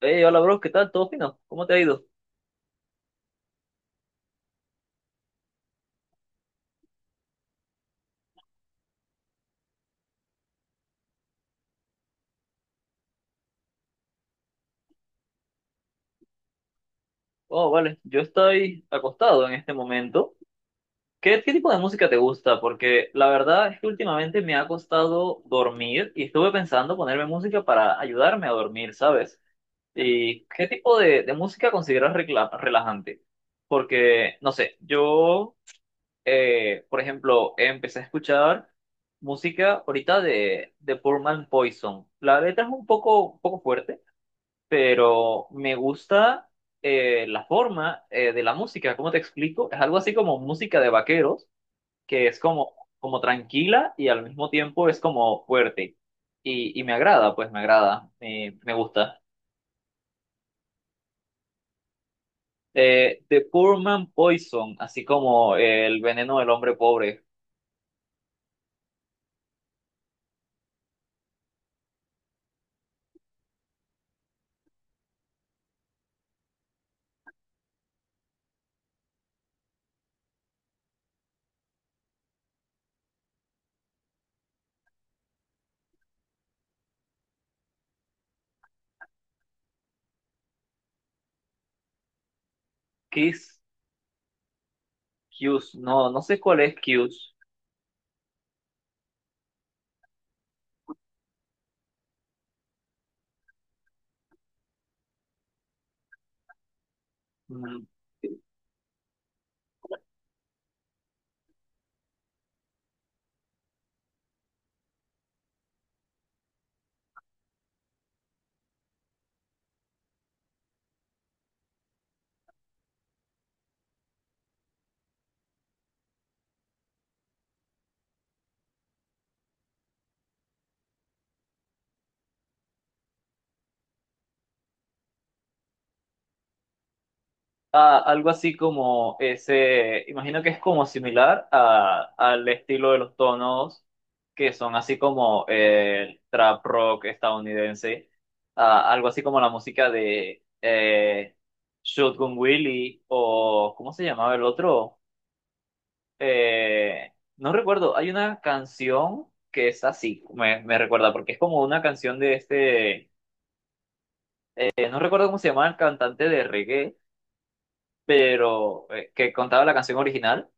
Hey, hola bro, ¿qué tal? ¿Todo fino? ¿Cómo te ha ido? Oh, vale, yo estoy acostado en este momento. ¿Qué tipo de música te gusta? Porque la verdad es que últimamente me ha costado dormir y estuve pensando ponerme música para ayudarme a dormir, ¿sabes? ¿Y qué tipo de música consideras relajante? Porque, no sé, yo, por ejemplo, empecé a escuchar música ahorita de Poor Man Poison. La letra es un poco fuerte pero me gusta la forma de la música. ¿Cómo te explico? Es algo así como música de vaqueros, que es como tranquila y al mismo tiempo es como fuerte. Y me agrada, pues me agrada, me gusta. The Poor Man Poison, así como el veneno del hombre pobre. Kiss, Cues, no, no sé cuál es Cues. Ah, algo así como ese, imagino que es como similar a, al estilo de los tonos que son así como el trap rock estadounidense. Ah, algo así como la música de Shotgun Willie o ¿cómo se llamaba el otro? No recuerdo, hay una canción que es así, me recuerda, porque es como una canción de este, no recuerdo cómo se llama el cantante de reggae, pero que contaba la canción original.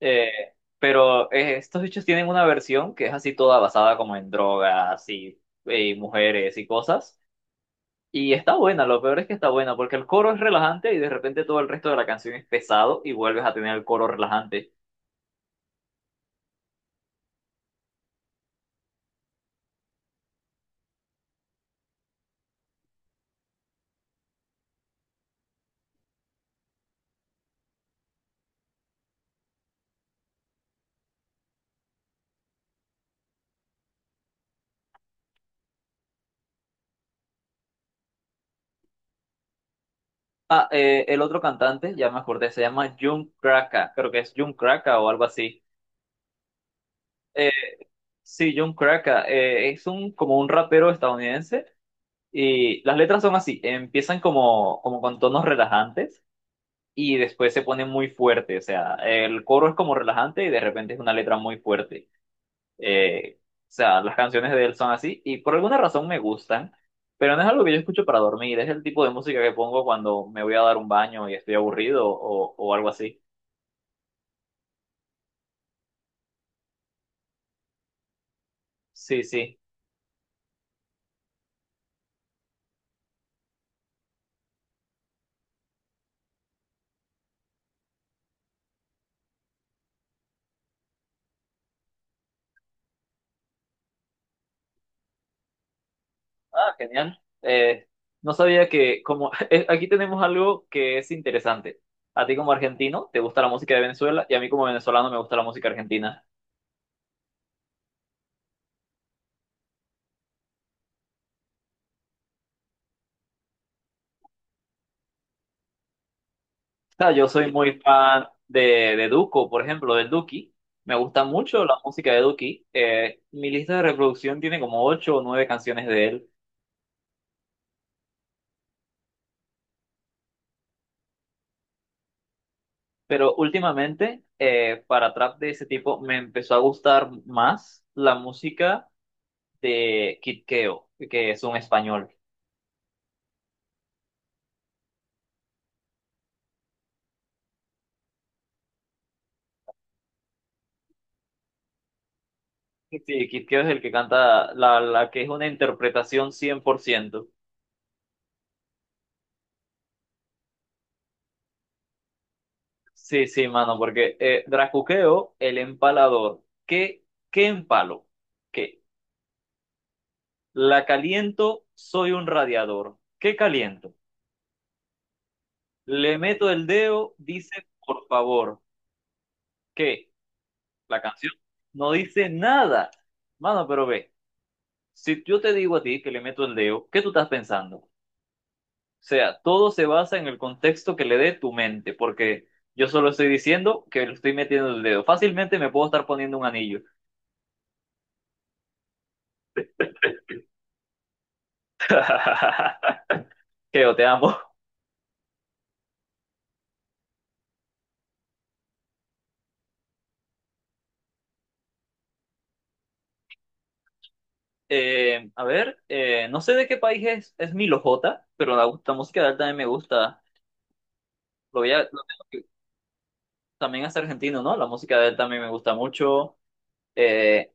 Eh, pero estos bichos tienen una versión que es así toda basada como en drogas y mujeres y cosas. Y está buena, lo peor es que está buena, porque el coro es relajante y de repente todo el resto de la canción es pesado y vuelves a tener el coro relajante. Ah, el otro cantante, ya me acordé, se llama Jun Kraka, creo que es Jun Kraka o algo así. Eh, sí, Jun Kraka, es como un rapero estadounidense y las letras son así, empiezan como con tonos relajantes y después se pone muy fuerte. O sea, el coro es como relajante y de repente es una letra muy fuerte. O sea, las canciones de él son así y por alguna razón me gustan, pero no es algo que yo escucho para dormir. Es el tipo de música que pongo cuando me voy a dar un baño y estoy aburrido o algo así. Sí, sí. Ah, genial. No sabía que como aquí tenemos algo que es interesante. A ti como argentino te gusta la música de Venezuela y a mí como venezolano me gusta la música argentina. Sea, yo soy muy fan de Duco, por ejemplo, del Duki. Me gusta mucho la música de Duki. Mi lista de reproducción tiene como ocho o nueve canciones de él. Pero últimamente, para trap de ese tipo, me empezó a gustar más la música de Kid Keo, que es un español. Sí, Kid Keo es el que canta la, la que es una interpretación 100%. Sí, sí, mano, porque Dracuqueo, el empalador. ¿Qué, qué empalo? ¿Qué? La caliento, soy un radiador. ¿Qué caliento? Le meto el dedo, dice por favor. ¿Qué? La canción no dice nada. Mano, pero ve, si yo te digo a ti que le meto el dedo, ¿qué tú estás pensando? O sea, todo se basa en el contexto que le dé tu mente, porque yo solo estoy diciendo que le estoy metiendo el dedo. Fácilmente me puedo estar poniendo un anillo. Keo, te amo. A ver, no sé de qué país es Milo J, pero la música de él también me gusta. Lo tengo que- también es argentino, ¿no? La música de él también me gusta mucho. Eh,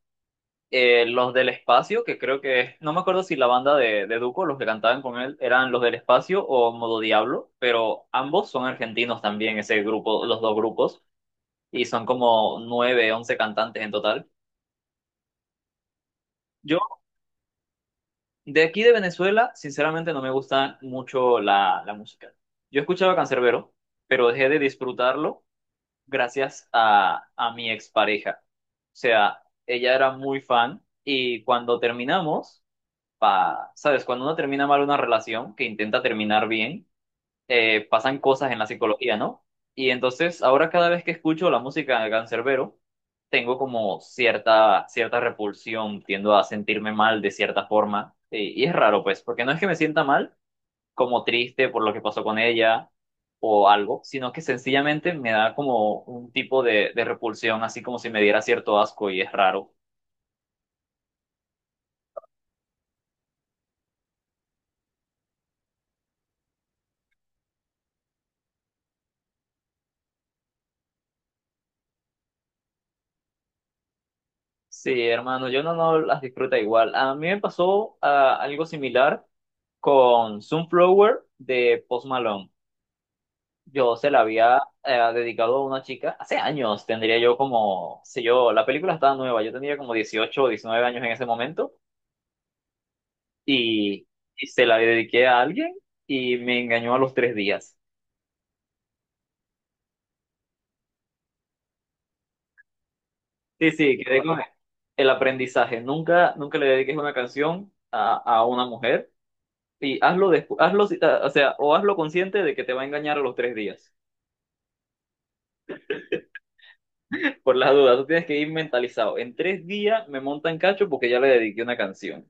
los del espacio, que creo que, no me acuerdo si la banda de Duco, los que cantaban con él, eran los del espacio o Modo Diablo, pero ambos son argentinos también, ese grupo, los dos grupos, y son como nueve, 11 cantantes en total. Yo, de aquí de Venezuela, sinceramente no me gusta mucho la música. Yo escuchaba Canserbero, pero dejé de disfrutarlo gracias a mi expareja. O sea, ella era muy fan y cuando terminamos, sabes, cuando uno termina mal una relación, que intenta terminar bien, pasan cosas en la psicología, ¿no? Y entonces ahora cada vez que escucho la música de Canserbero, tengo como cierta, cierta repulsión, tiendo a sentirme mal de cierta forma. Y es raro, pues, porque no es que me sienta mal, como triste por lo que pasó con ella o algo, sino que sencillamente me da como un tipo de repulsión, así como si me diera cierto asco y es raro. Sí, hermano, yo no las disfruta igual. A mí me pasó algo similar con Sunflower de Post Malone. Yo se la había dedicado a una chica hace años, tendría yo como, sé yo, la película estaba nueva, yo tenía como 18 o 19 años en ese momento y, y se la dediqué a alguien y me engañó a los 3 días. Sí, sí, quedé con el aprendizaje. Nunca, nunca le dediques una canción a una mujer y hazlo, o sea, o hazlo consciente de que te va a engañar a los 3 días. Por las dudas, tú tienes que ir mentalizado. En 3 días me monta en cacho porque ya le dediqué una canción.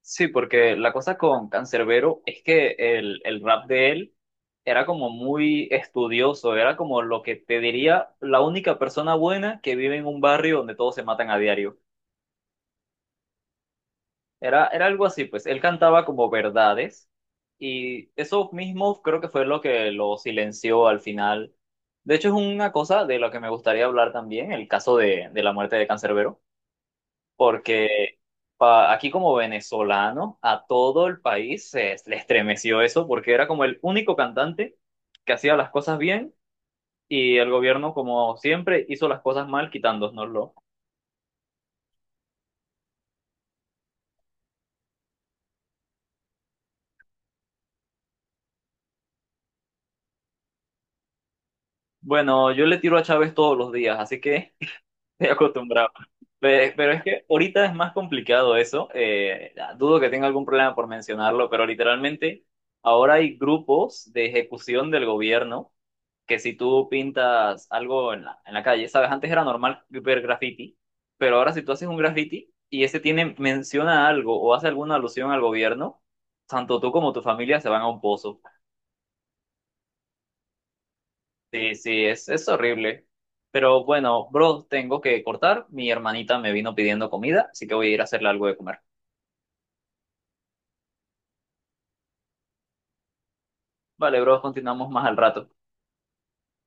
Sí, porque la cosa con Cancerbero es que el rap de él era como muy estudioso, era como lo que te diría la única persona buena que vive en un barrio donde todos se matan a diario. Era algo así, pues él cantaba como verdades y eso mismo creo que fue lo que lo silenció al final. De hecho, es una cosa de la que me gustaría hablar también, el caso de la muerte de Cancerbero porque aquí como venezolano a todo el país se le estremeció eso porque era como el único cantante que hacía las cosas bien y el gobierno como siempre hizo las cosas mal quitándonoslo. Bueno, yo le tiro a Chávez todos los días, así que... Estoy acostumbrado. Pero es que ahorita es más complicado eso. Dudo que tenga algún problema por mencionarlo, pero literalmente ahora hay grupos de ejecución del gobierno que si tú pintas algo en la calle, sabes, antes era normal ver graffiti, pero ahora si tú haces un graffiti y ese tiene, menciona algo o hace alguna alusión al gobierno, tanto tú como tu familia se van a un pozo. Sí, sí, es horrible. Pero bueno, bro, tengo que cortar. Mi hermanita me vino pidiendo comida, así que voy a ir a hacerle algo de comer. Vale, bro, continuamos más al rato.